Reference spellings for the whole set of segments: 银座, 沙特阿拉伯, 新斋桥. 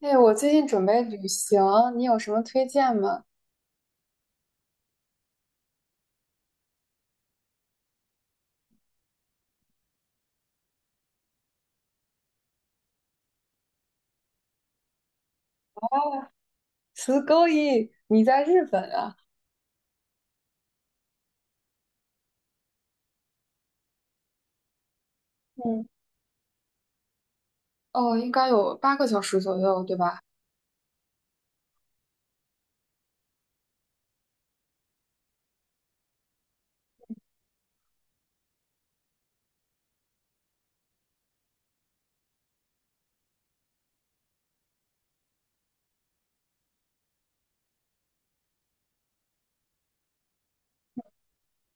哎，我最近准备旅行，你有什么推荐吗？十勾一，你在日本啊？嗯，哦，应该有8个小时左右，对吧？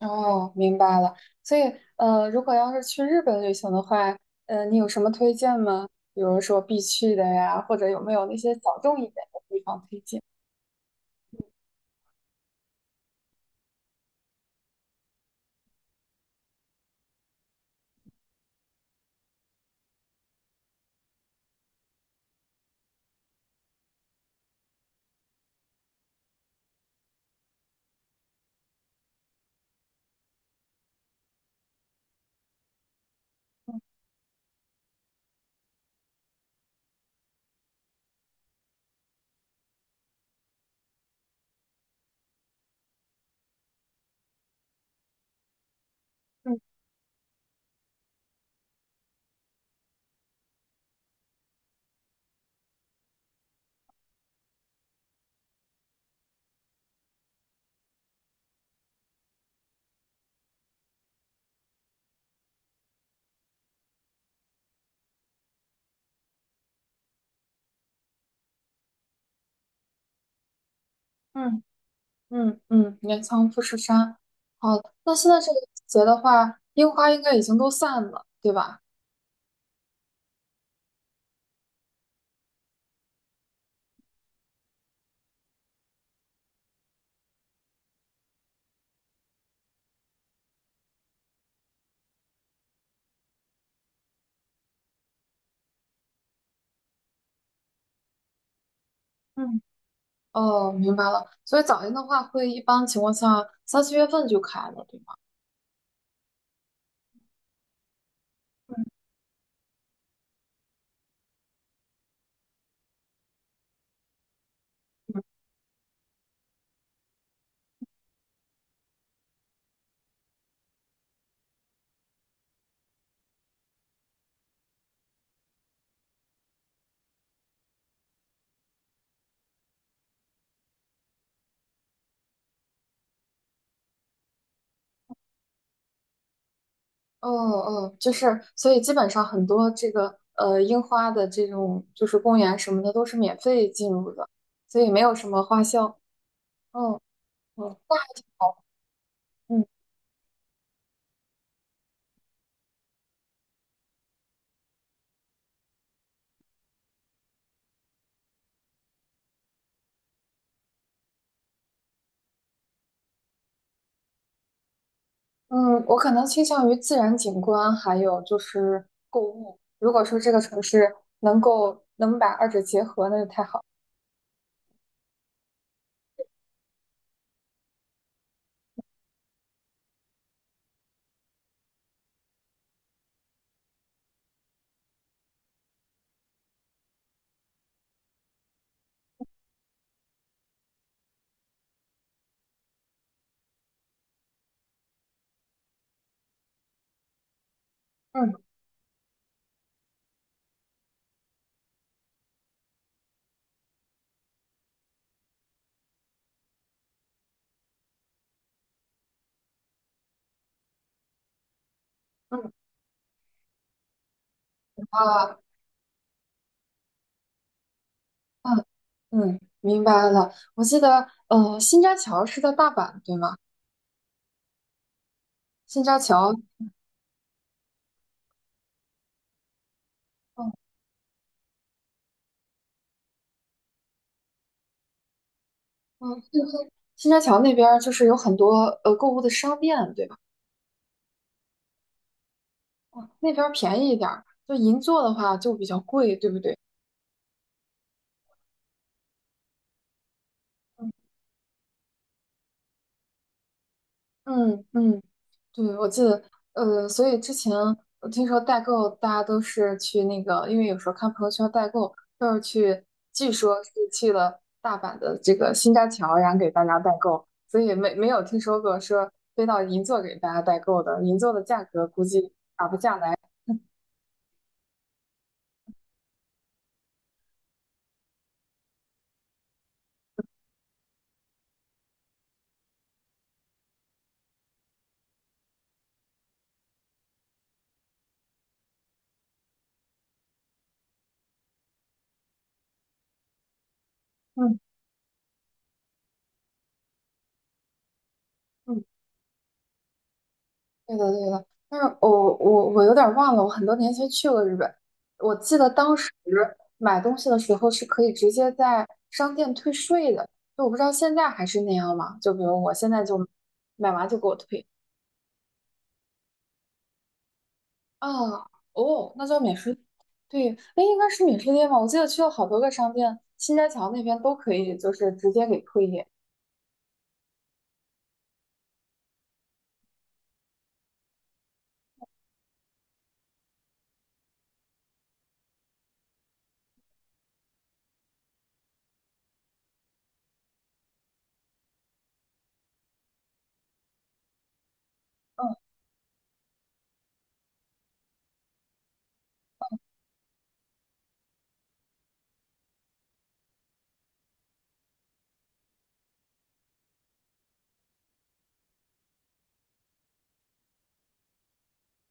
哦，明白了。所以，如果要是去日本旅行的话，你有什么推荐吗？比如说必去的呀，或者有没有那些小众一点的地方推荐？嗯嗯，嗯嗯，镰仓、富士山。好，那现在这个季节的话，樱花应该已经都散了，对吧？嗯。哦，明白了。所以早樱的话，会一般情况下3、4月份就开了，对吗？嗯嗯。哦哦，就是，所以基本上很多这个樱花的这种就是公园什么的都是免费进入的，所以没有什么花销。嗯，哦，那还挺好。嗯嗯，我可能倾向于自然景观，还有就是购物。如果说这个城市能把二者结合，那就太好了。嗯，嗯，啊。嗯嗯，明白了。我记得，新扎桥是在大阪，对吗？新扎桥，嗯嗯，新扎桥那边儿就是有很多购物的商店，对吧？嗯，那边儿便宜一点儿，就银座的话就比较贵，对不对？嗯嗯，对，我记得，所以之前我听说代购，大家都是去那个，因为有时候看朋友圈代购，都是去，据说是去了大阪的这个新斋桥，然后给大家代购，所以没有听说过说飞到银座给大家代购的，银座的价格估计打不下来。嗯嗯。对的，对的，但是我有点儿忘了，我很多年前去过日本，我记得当时买东西的时候是可以直接在商店退税的，就我不知道现在还是那样吗？就比如我现在就买完就给我退啊，哦，那叫免税，对，那应该是免税店吧？我记得去了好多个商店，新街桥那边都可以，就是直接给退业。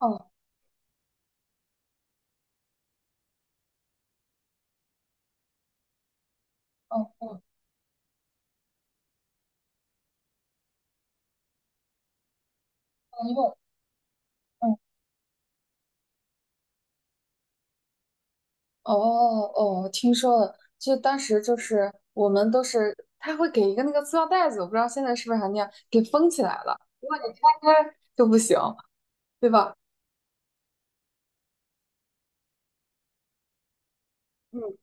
嗯，嗯嗯，嗯，用嗯。哦哦，听说了，就当时就是我们都是，他会给一个那个塑料袋子，我不知道现在是不是还那样，给封起来了。如果你拆开就不行，对吧？嗯，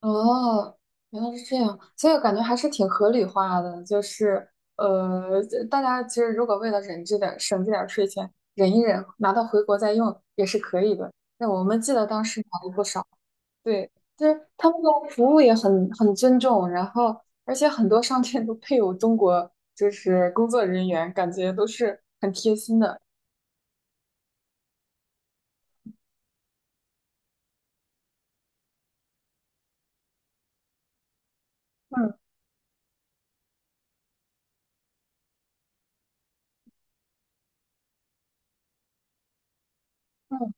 哦，原来是这样，所以我感觉还是挺合理化的，就是呃，大家其实如果为了忍这点儿省这点儿税钱，忍一忍，拿到回国再用也是可以的。那我们记得当时买了不少。对，就是他们的服务也很尊重，然后而且很多商店都配有中国就是工作人员，感觉都是很贴心的。嗯嗯，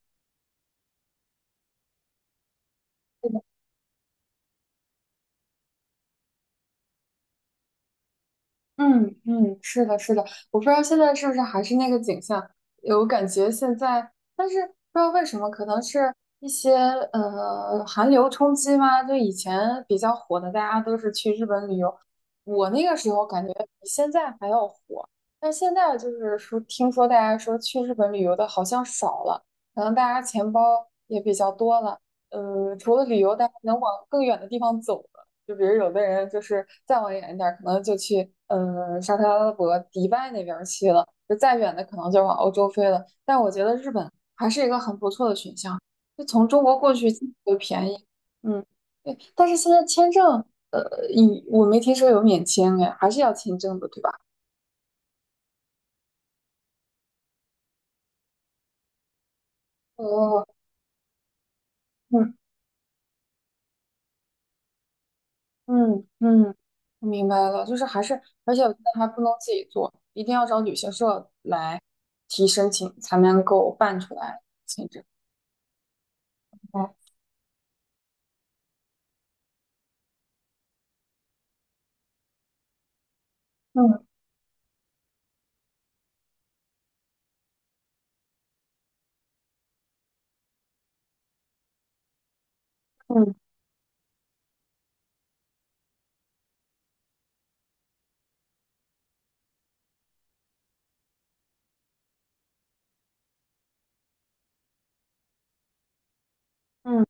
嗯嗯，是的，是的，我不知道现在是不是还是那个景象，有感觉现在，但是不知道为什么，可能是一些寒流冲击嘛，就以前比较火的，大家都是去日本旅游，我那个时候感觉比现在还要火，但现在就是说，听说大家说去日本旅游的好像少了，可能大家钱包也比较多了，除了旅游，大家能往更远的地方走。就比如有的人就是再往远一点可能就去嗯沙特阿拉伯、迪拜那边去了，就再远的可能就往欧洲飞了。但我觉得日本还是一个很不错的选项，就从中国过去就便宜。嗯，对。但是现在签证，呃，以我没听说有免签哎，还是要签证的，对吧？哦，嗯，嗯嗯，我明白了，就是还是，而且我觉得还不能自己做，一定要找旅行社来提申请，才能够办出来签证。嗯，嗯嗯，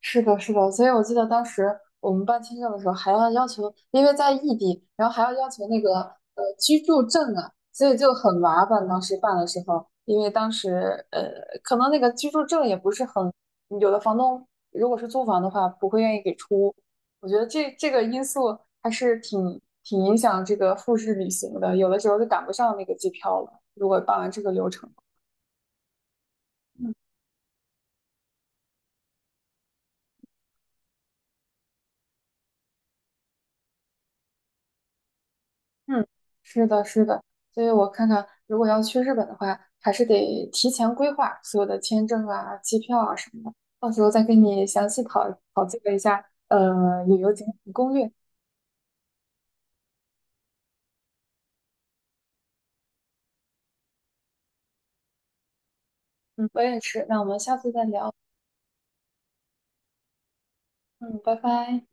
是的，是的，所以我记得当时我们办签证的时候，还要要求，因为在异地，然后还要求那个居住证啊，所以就很麻烦。当时办的时候，因为当时呃，可能那个居住证也不是很，有的房东如果是租房的话，不会愿意给出。我觉得这个因素还是挺影响这个复试旅行的，有的时候就赶不上那个机票了。如果办完这个流程。嗯，是的，是的，所以我看看，如果要去日本的话，还是得提前规划所有的签证啊、机票啊什么的，到时候再跟你详细讨教一下，旅游景点攻略。嗯，我也是，那我们下次再聊。嗯，拜拜。